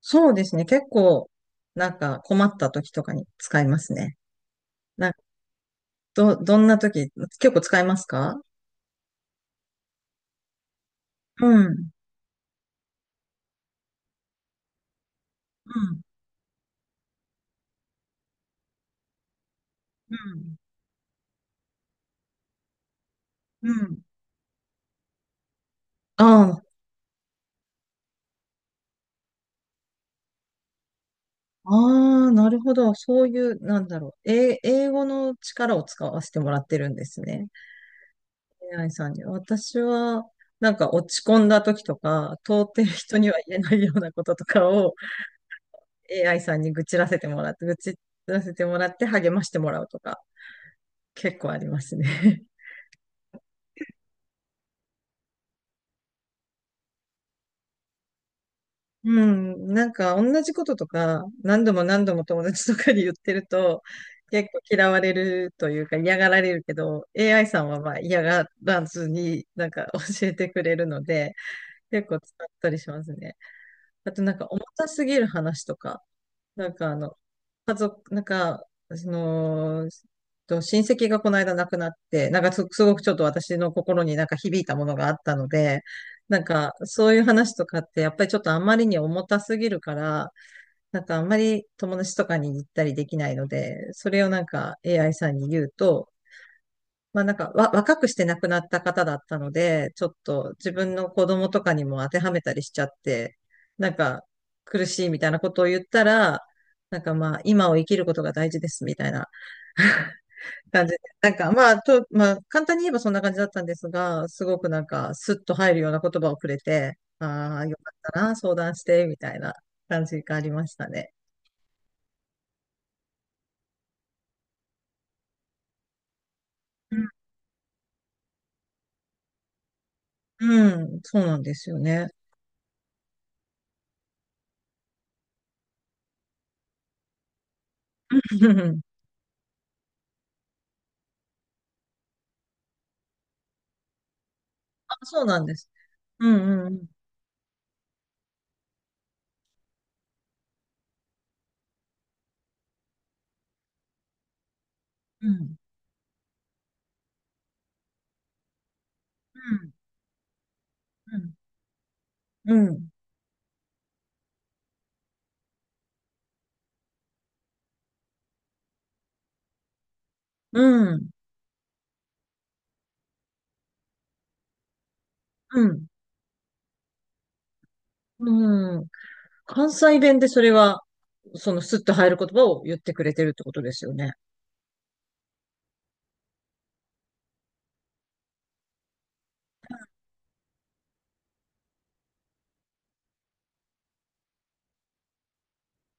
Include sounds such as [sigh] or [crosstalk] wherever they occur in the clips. そうですね。結構、なんか困った時とかに使いますね。なんか、どんな時、結構使いますか？うん。うん。うん。うん。ああ、ああ、なるほど。そういう、なんだろう。英語の力を使わせてもらってるんですね。AI さんに。私は、なんか落ち込んだ時とか、通ってる人には言えないようなこととかを AI さんに愚痴らせてもらって励ましてもらうとか、結構ありますね。うん、なんか同じこととか何度も何度も友達とかに言ってると結構嫌われるというか嫌がられるけど AI さんはまあ嫌がらずになんか [laughs] 教えてくれるので結構使ったりしますね。あとなんか重たすぎる話とかなんかあの家族、なんか、その、と親戚がこの間亡くなって、なんかすごくちょっと私の心になんか響いたものがあったので、なんか、そういう話とかって、やっぱりちょっとあんまりに重たすぎるから、なんかあんまり友達とかに言ったりできないので、それをなんか AI さんに言うと、まあなんか若くして亡くなった方だったので、ちょっと自分の子供とかにも当てはめたりしちゃって、なんか苦しいみたいなことを言ったら、なんかまあ今を生きることが大事ですみたいな感じで、なんかまあまあ簡単に言えばそんな感じだったんですが、すごくなんかスッと入るような言葉をくれて、ああ、よかったな、相談して、みたいな感じがありましたね。うん、うんそうなんですよね。[laughs] あ、そうなんです。うんうんうん。うん。うん。うんうん、うん、うん、うん。関西弁でそれは、そのスッと入る言葉を言ってくれてるってことですよね。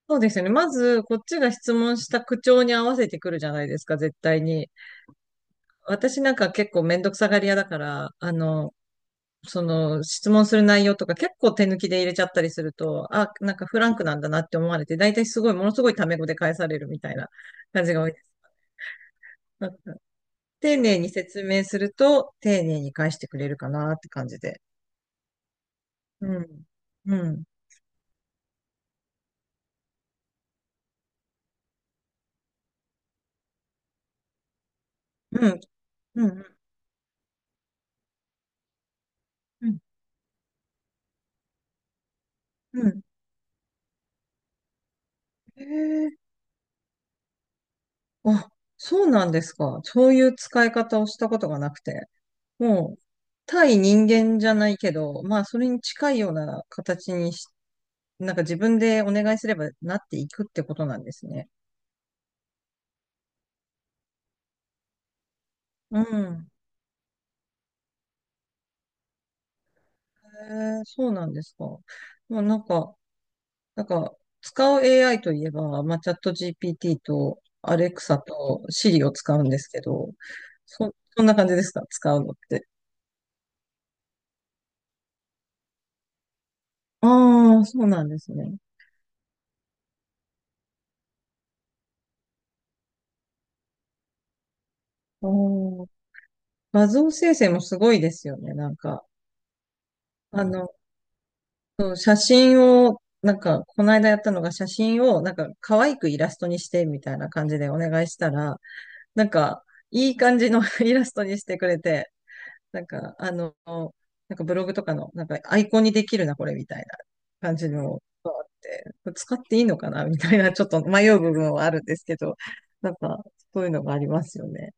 そうですよね。まず、こっちが質問した口調に合わせてくるじゃないですか、絶対に。私なんか結構めんどくさがり屋だから、その質問する内容とか結構手抜きで入れちゃったりすると、あ、なんかフランクなんだなって思われて、大体すごい、ものすごいタメ語で返されるみたいな感じが多いです。なんか丁寧に説明すると、丁寧に返してくれるかなって感じで。うん。うん。うん。うん。うん。うん。へえ。あ、そうなんですか。そういう使い方をしたことがなくて。もう、対人間じゃないけど、まあ、それに近いような形にし、なんか自分でお願いすればなっていくってことなんですね。うん。へえ、そうなんですか。まあ、なんか、使う AI といえば、まあ、チャット GPT とアレクサとシリを使うんですけど、そんな感じですか使うのって。ああ、そうなんですね。おー、画像生成もすごいですよね。なんか、あの、そう写真を、なんか、この間やったのが写真を、なんか、可愛くイラストにしてみたいな感じでお願いしたら、なんか、いい感じの [laughs] イラストにしてくれて、なんか、あの、なんかブログとかの、なんか、アイコンにできるな、これ、みたいな感じのがあって、これ使っていいのかな、みたいな、[laughs] ちょっと迷う部分はあるんですけど、なんか、そういうのがありますよね。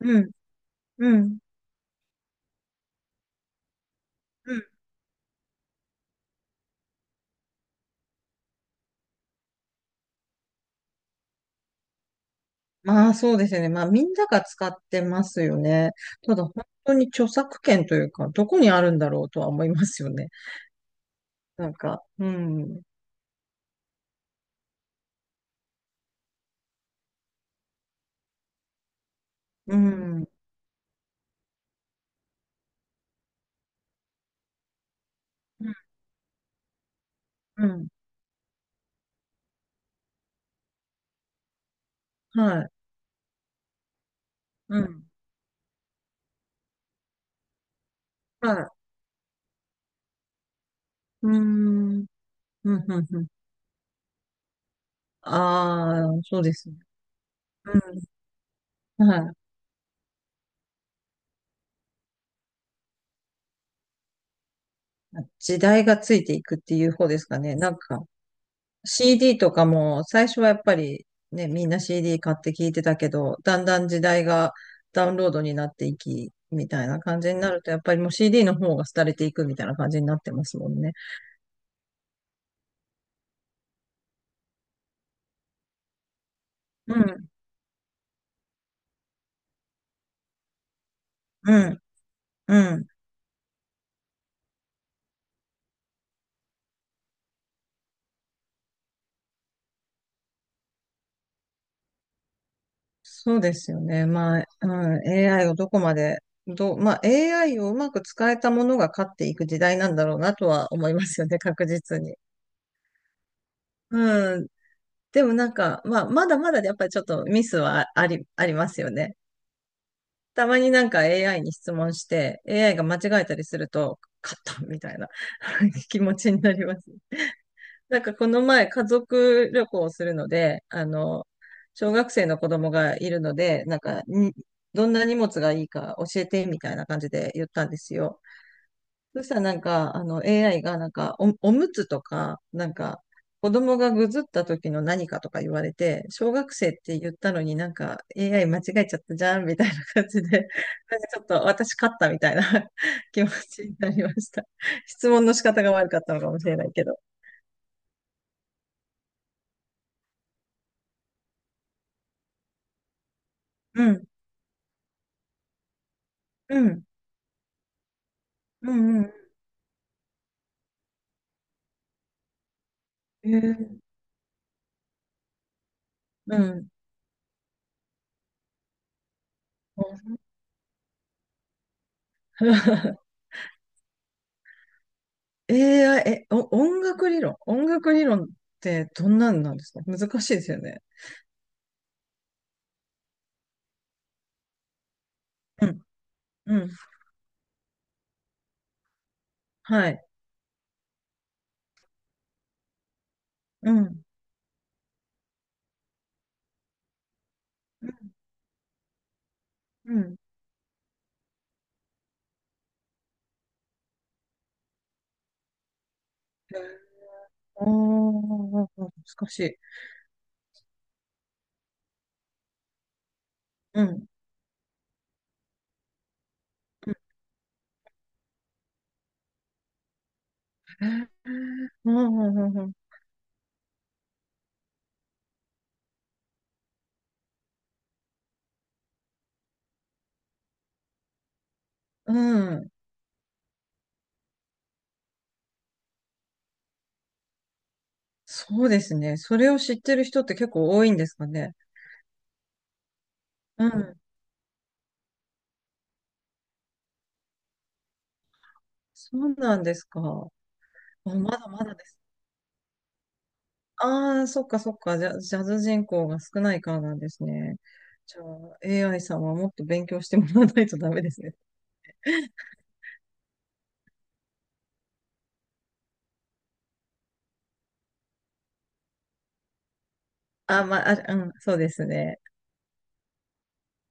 うん、うん、うん。まあそうですよね。まあみんなが使ってますよね。ただ本当に著作権というか、どこにあるんだろうとは思いますよね。[laughs] なんか、うん、うん、うん、うん、はい、うん、はい、うん、うん、うん、うん。ああ、そうですね。うん、はい。時代がついていくっていう方ですかね。なんか、CD とかも最初はやっぱりね、みんな CD 買って聞いてたけど、だんだん時代がダウンロードになっていき、みたいな感じになると、やっぱりもう CD の方が廃れていくみたいな感じになってますもんね。うん、うん、うん。そうですよね。まあ、うん、AI をどこまで、どう、まあ AI をうまく使えたものが勝っていく時代なんだろうなとは思いますよね、[laughs] 確実に。うん。でもなんか、まあ、まだまだやっぱりちょっとミスはありますよね。たまになんか AI に質問して、AI が間違えたりすると、勝ったみたいな [laughs] 気持ちになります。なんかこの前家族旅行をするので、あの、小学生の子供がいるので、なんかどんな荷物がいいか教えてみたいな感じで言ったんですよ。そしたらなんか、あの AI がなんかおむつとか、なんか、子供がぐずった時の何かとか言われて、小学生って言ったのになんか AI 間違えちゃったじゃんみたいな感じで、なんかちょっと私勝ったみたいな [laughs] 気持ちになりました。質問の仕方が悪かったのかもしれないけど。うん、うん、うん、うん。えー、うん。[laughs] AI、音楽理論音楽理論ってどんなんなんですか？難しいですよね。うん、うん。はい。うん。うん。うん。おー、難しい。うん。うん。うんうんうんうんうんそうですね。それを知ってる人って結構多いんですかね。うん。そうなんですか。あ、まだまだです。ああ、そっかそっか。ジャズ人口が少ないからなんですね。じゃあ、AI さんはもっと勉強してもらわないとダメですね。あ、まあ、あ、うん、そうですね。